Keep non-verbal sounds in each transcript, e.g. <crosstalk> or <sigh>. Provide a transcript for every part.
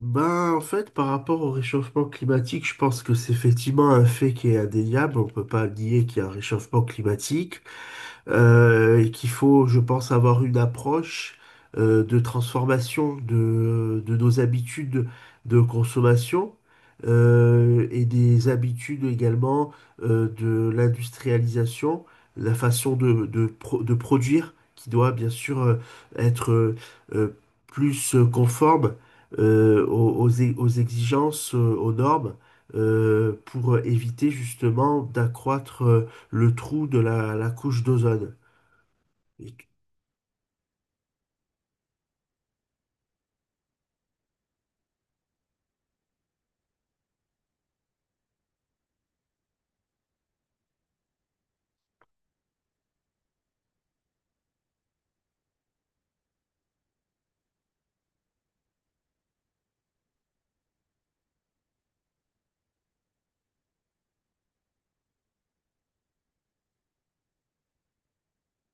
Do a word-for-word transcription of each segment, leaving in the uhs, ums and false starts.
Ben, en fait, par rapport au réchauffement climatique, je pense que c'est effectivement un fait qui est indéniable. On peut pas nier qu'il y a un réchauffement climatique euh, et qu'il faut, je pense, avoir une approche euh, de transformation de, de nos habitudes de consommation euh, et des habitudes également euh, de l'industrialisation, la façon de, de, pro- de produire qui doit bien sûr euh, être euh, euh, plus conforme euh, aux, aux e- aux exigences, euh, aux normes, euh, pour éviter justement d'accroître le trou de la, la couche d'ozone. Et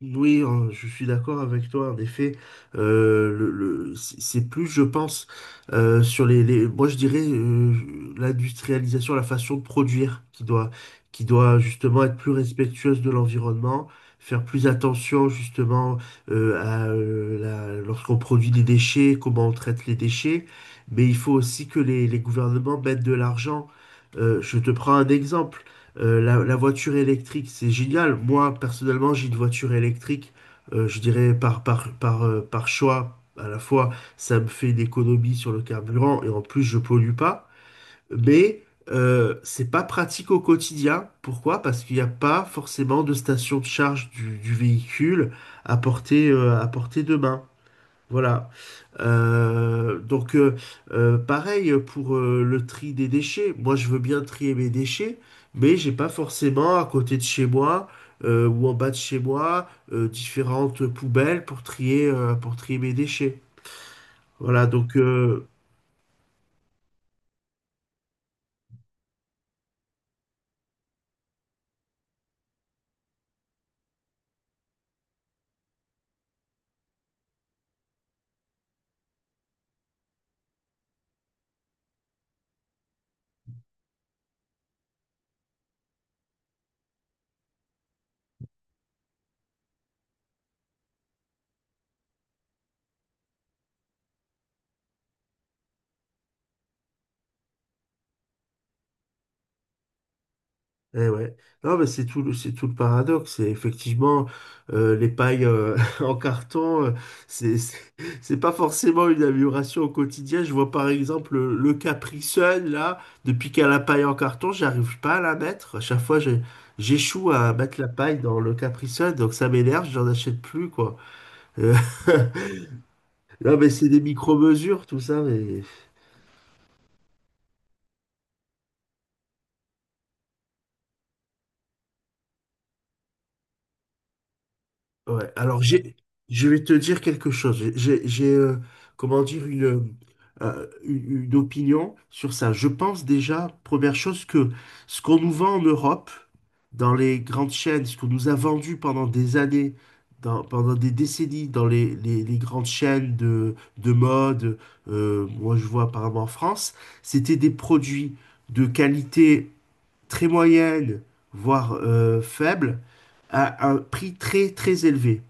Oui, hein, je suis d'accord avec toi. En effet, euh, le, le- c'est c'est plus, je pense, euh, sur les, les- moi je dirais euh, l'industrialisation, la façon de produire qui doit, qui doit justement être plus respectueuse de l'environnement, faire plus attention justement euh, à euh, la- lorsqu'on produit des déchets, comment on traite les déchets. Mais il faut aussi que les, les gouvernements mettent de l'argent. Euh, je te prends un exemple. Euh, la, la voiture électrique, c'est génial. Moi, personnellement, j'ai une voiture électrique, euh, je dirais par, par, par, euh, par choix. À la fois, ça me fait une économie sur le carburant et en plus, je pollue pas. Mais euh, c'est pas pratique au quotidien. Pourquoi? Parce qu'il n'y a pas forcément de station de charge du, du véhicule à portée, euh, à portée de main. Voilà. Euh, donc, euh, euh, pareil pour euh, le tri des déchets. Moi, je veux bien trier mes déchets, mais j'ai pas forcément à côté de chez moi euh, ou en bas de chez moi euh, différentes poubelles pour trier euh, pour trier mes déchets. Voilà. Donc, euh, Eh ouais. Non, mais c'est tout, le- c'est tout le paradoxe. C'est effectivement euh, les pailles euh, <laughs> en carton, euh, c'est c'est c'est pas forcément une amélioration au quotidien. Je vois par exemple le, le Capri Sun, là, depuis qu'à la paille en carton, j'arrive pas à la mettre. À chaque fois, j'ai- j'échoue à mettre la paille dans le Capri Sun, donc ça m'énerve, j'en achète plus, quoi. Euh, <laughs> non, mais c'est des micro-mesures, tout ça, mais. Ouais, alors j'ai, je vais te dire quelque chose. J'ai, j'ai, j'ai, euh, comment dire, une, euh, euh, une, une opinion sur ça. Je pense déjà, première chose, que ce qu'on nous vend en Europe, dans les grandes chaînes, ce qu'on nous a vendu pendant des années, dans- pendant des décennies, dans les, les- les grandes chaînes de, de mode, euh, moi je vois apparemment en France, c'était des produits de qualité très moyenne, voire euh, faible, à un prix très très élevé.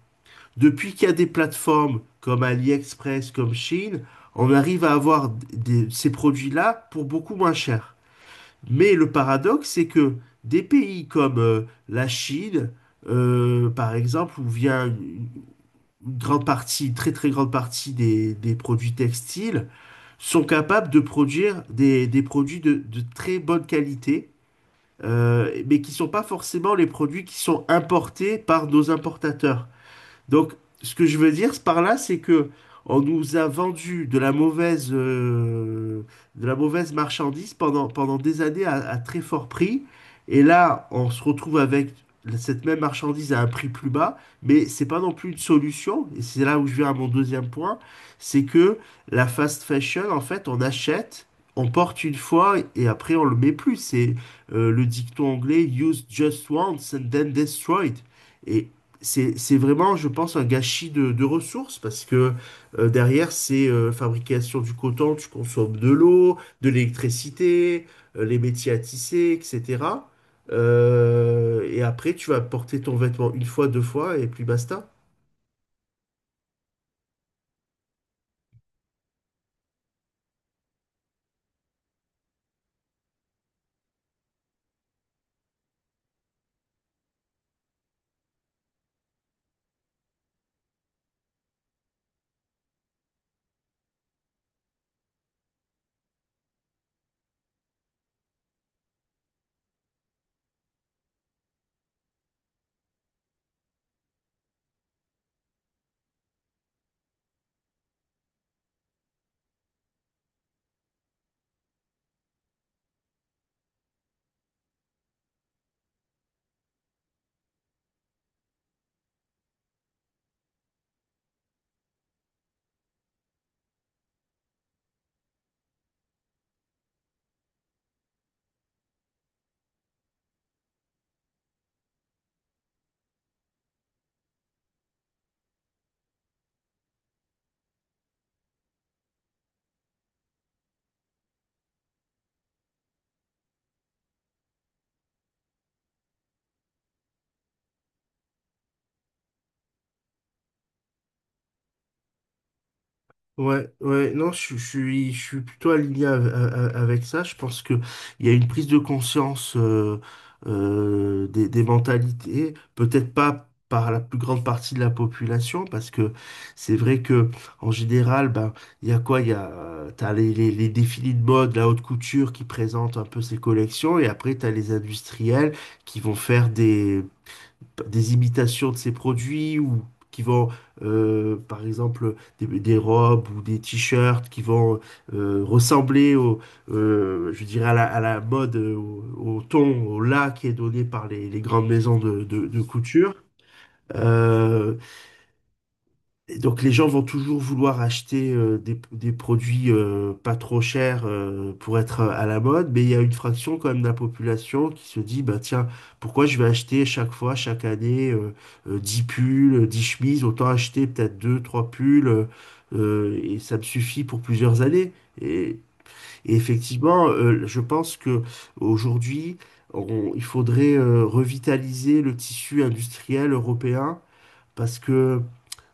Depuis qu'il y a des plateformes comme AliExpress, comme Shein, on arrive à avoir des- ces produits-là pour beaucoup moins cher. Mais le paradoxe, c'est que des pays comme euh, la Chine, euh, par exemple, où vient une une grande partie, une très très grande partie des, des produits textiles, sont capables de produire des, des produits de, de très bonne qualité, euh, mais qui ne sont pas forcément les produits qui sont importés par nos importateurs. Donc, ce que je veux dire par là, c'est que on nous a vendu de la mauvaise, euh, de la mauvaise marchandise pendant, pendant des années à, à très fort prix. Et là, on se retrouve avec cette même marchandise à un prix plus bas, mais c'est pas non plus une solution. Et c'est là où je viens à mon deuxième point, c'est que la fast fashion, en fait, on achète, on porte une fois et après on le met plus. C'est euh, le dicton anglais Use just once and then destroy it. Et c'est vraiment, je pense, un gâchis de, de ressources parce que euh, derrière, c'est euh, fabrication du coton, tu consommes de l'eau, de l'électricité, euh, les métiers à tisser, et cetera. Euh, et après, tu vas porter ton vêtement une fois, deux fois, et puis basta. Ouais, ouais, non, je, suis, je suis je suis plutôt aligné av- a- a- avec ça. Je pense que il y a une prise de conscience euh, euh, des, des mentalités, peut-être pas par la plus grande partie de la population, parce que c'est vrai que en général, ben, il y a quoi? Il y a, euh, t'as les, les, les défilés de mode, la haute couture qui présente un peu ses collections, et après t'as les industriels qui vont faire des des imitations de ces produits ou qui vont, euh, par exemple, des, des robes ou des t-shirts qui vont euh, ressembler au, euh, je dirais à la, à la mode, euh, au, au ton, au là qui est donné par les, les grandes maisons de, de- de couture. Euh, et donc les gens vont toujours vouloir acheter euh, des, des produits euh, pas trop chers euh, pour être euh, à la mode, mais il y a une fraction quand même de la population qui se dit, bah tiens, pourquoi je vais acheter chaque fois, chaque année, euh, euh, dix pulls, euh, dix chemises, autant acheter peut-être deux trois pulls, euh, euh, et ça me suffit pour plusieurs années. Et, et effectivement, euh, je pense que aujourd'hui, on- il faudrait euh, revitaliser le tissu industriel européen parce que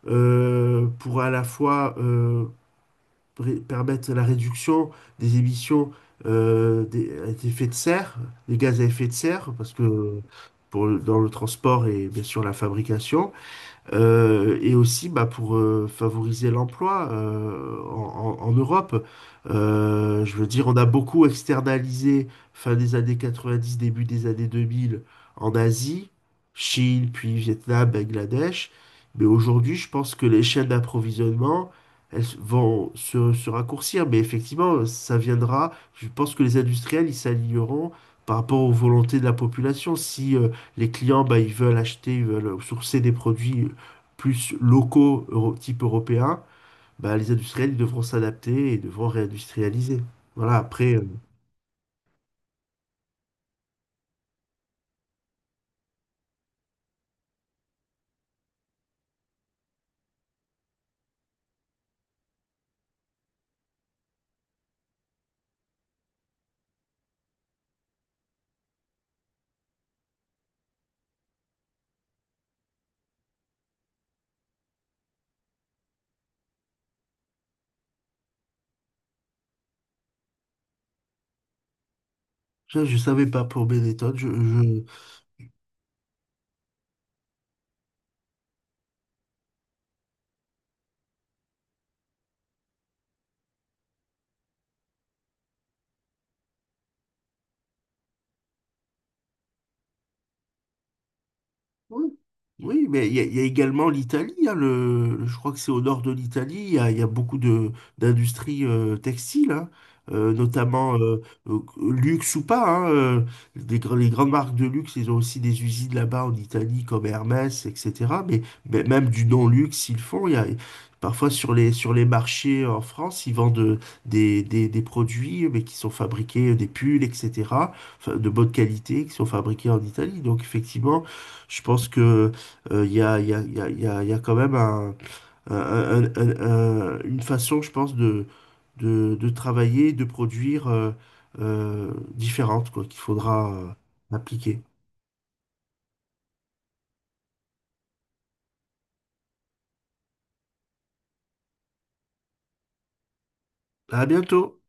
euh, pour à la fois euh, ré- permettre la réduction des émissions euh, des, des effets de serre, des gaz à effet de serre, parce que pour, le- dans le transport et bien sûr la fabrication. Euh, et aussi bah, pour euh, favoriser l'emploi euh, en, en- en Europe. Euh, je veux dire, on a beaucoup externalisé fin des années quatre-vingt-dix, début des années deux mille en Asie, Chine, puis Vietnam, Bangladesh. Mais aujourd'hui, je pense que les chaînes d'approvisionnement, elles vont se, se raccourcir. Mais effectivement, ça viendra. Je pense que les industriels, ils s'aligneront par rapport aux volontés de la population. Si euh, les clients, bah, ils veulent acheter, ils veulent sourcer des produits plus locaux, euro- type européen, bah, les industriels ils devront s'adapter et devront réindustrialiser. Voilà, après, euh, ça, je ne savais pas pour Benetton. Je, Oui, Oui, mais il y, a il y a également l'Italie. Hein, le, je crois que c'est au nord de l'Italie. Il y a, il y a beaucoup de d'industries euh, textiles, hein, euh, notamment euh, euh, luxe ou pas. Hein, euh, des gr- les grandes marques de luxe, ils ont aussi des usines là-bas en Italie, comme Hermès, et cetera. Mais, mais même du non-luxe, ils le font. Il y a, parfois sur les sur les marchés en France, ils vendent euh, des, des, des produits mais qui sont fabriqués, euh, des pulls, et cetera enfin, de bonne qualité, qui sont fabriqués en Italie. Donc effectivement. Je pense que euh, il y a, il y a, il y a, il y a y a quand même un, un- un- un- un- une façon, je pense, de, de, de travailler, de produire euh, euh, différente, quoi, qu'il faudra euh, appliquer. À bientôt!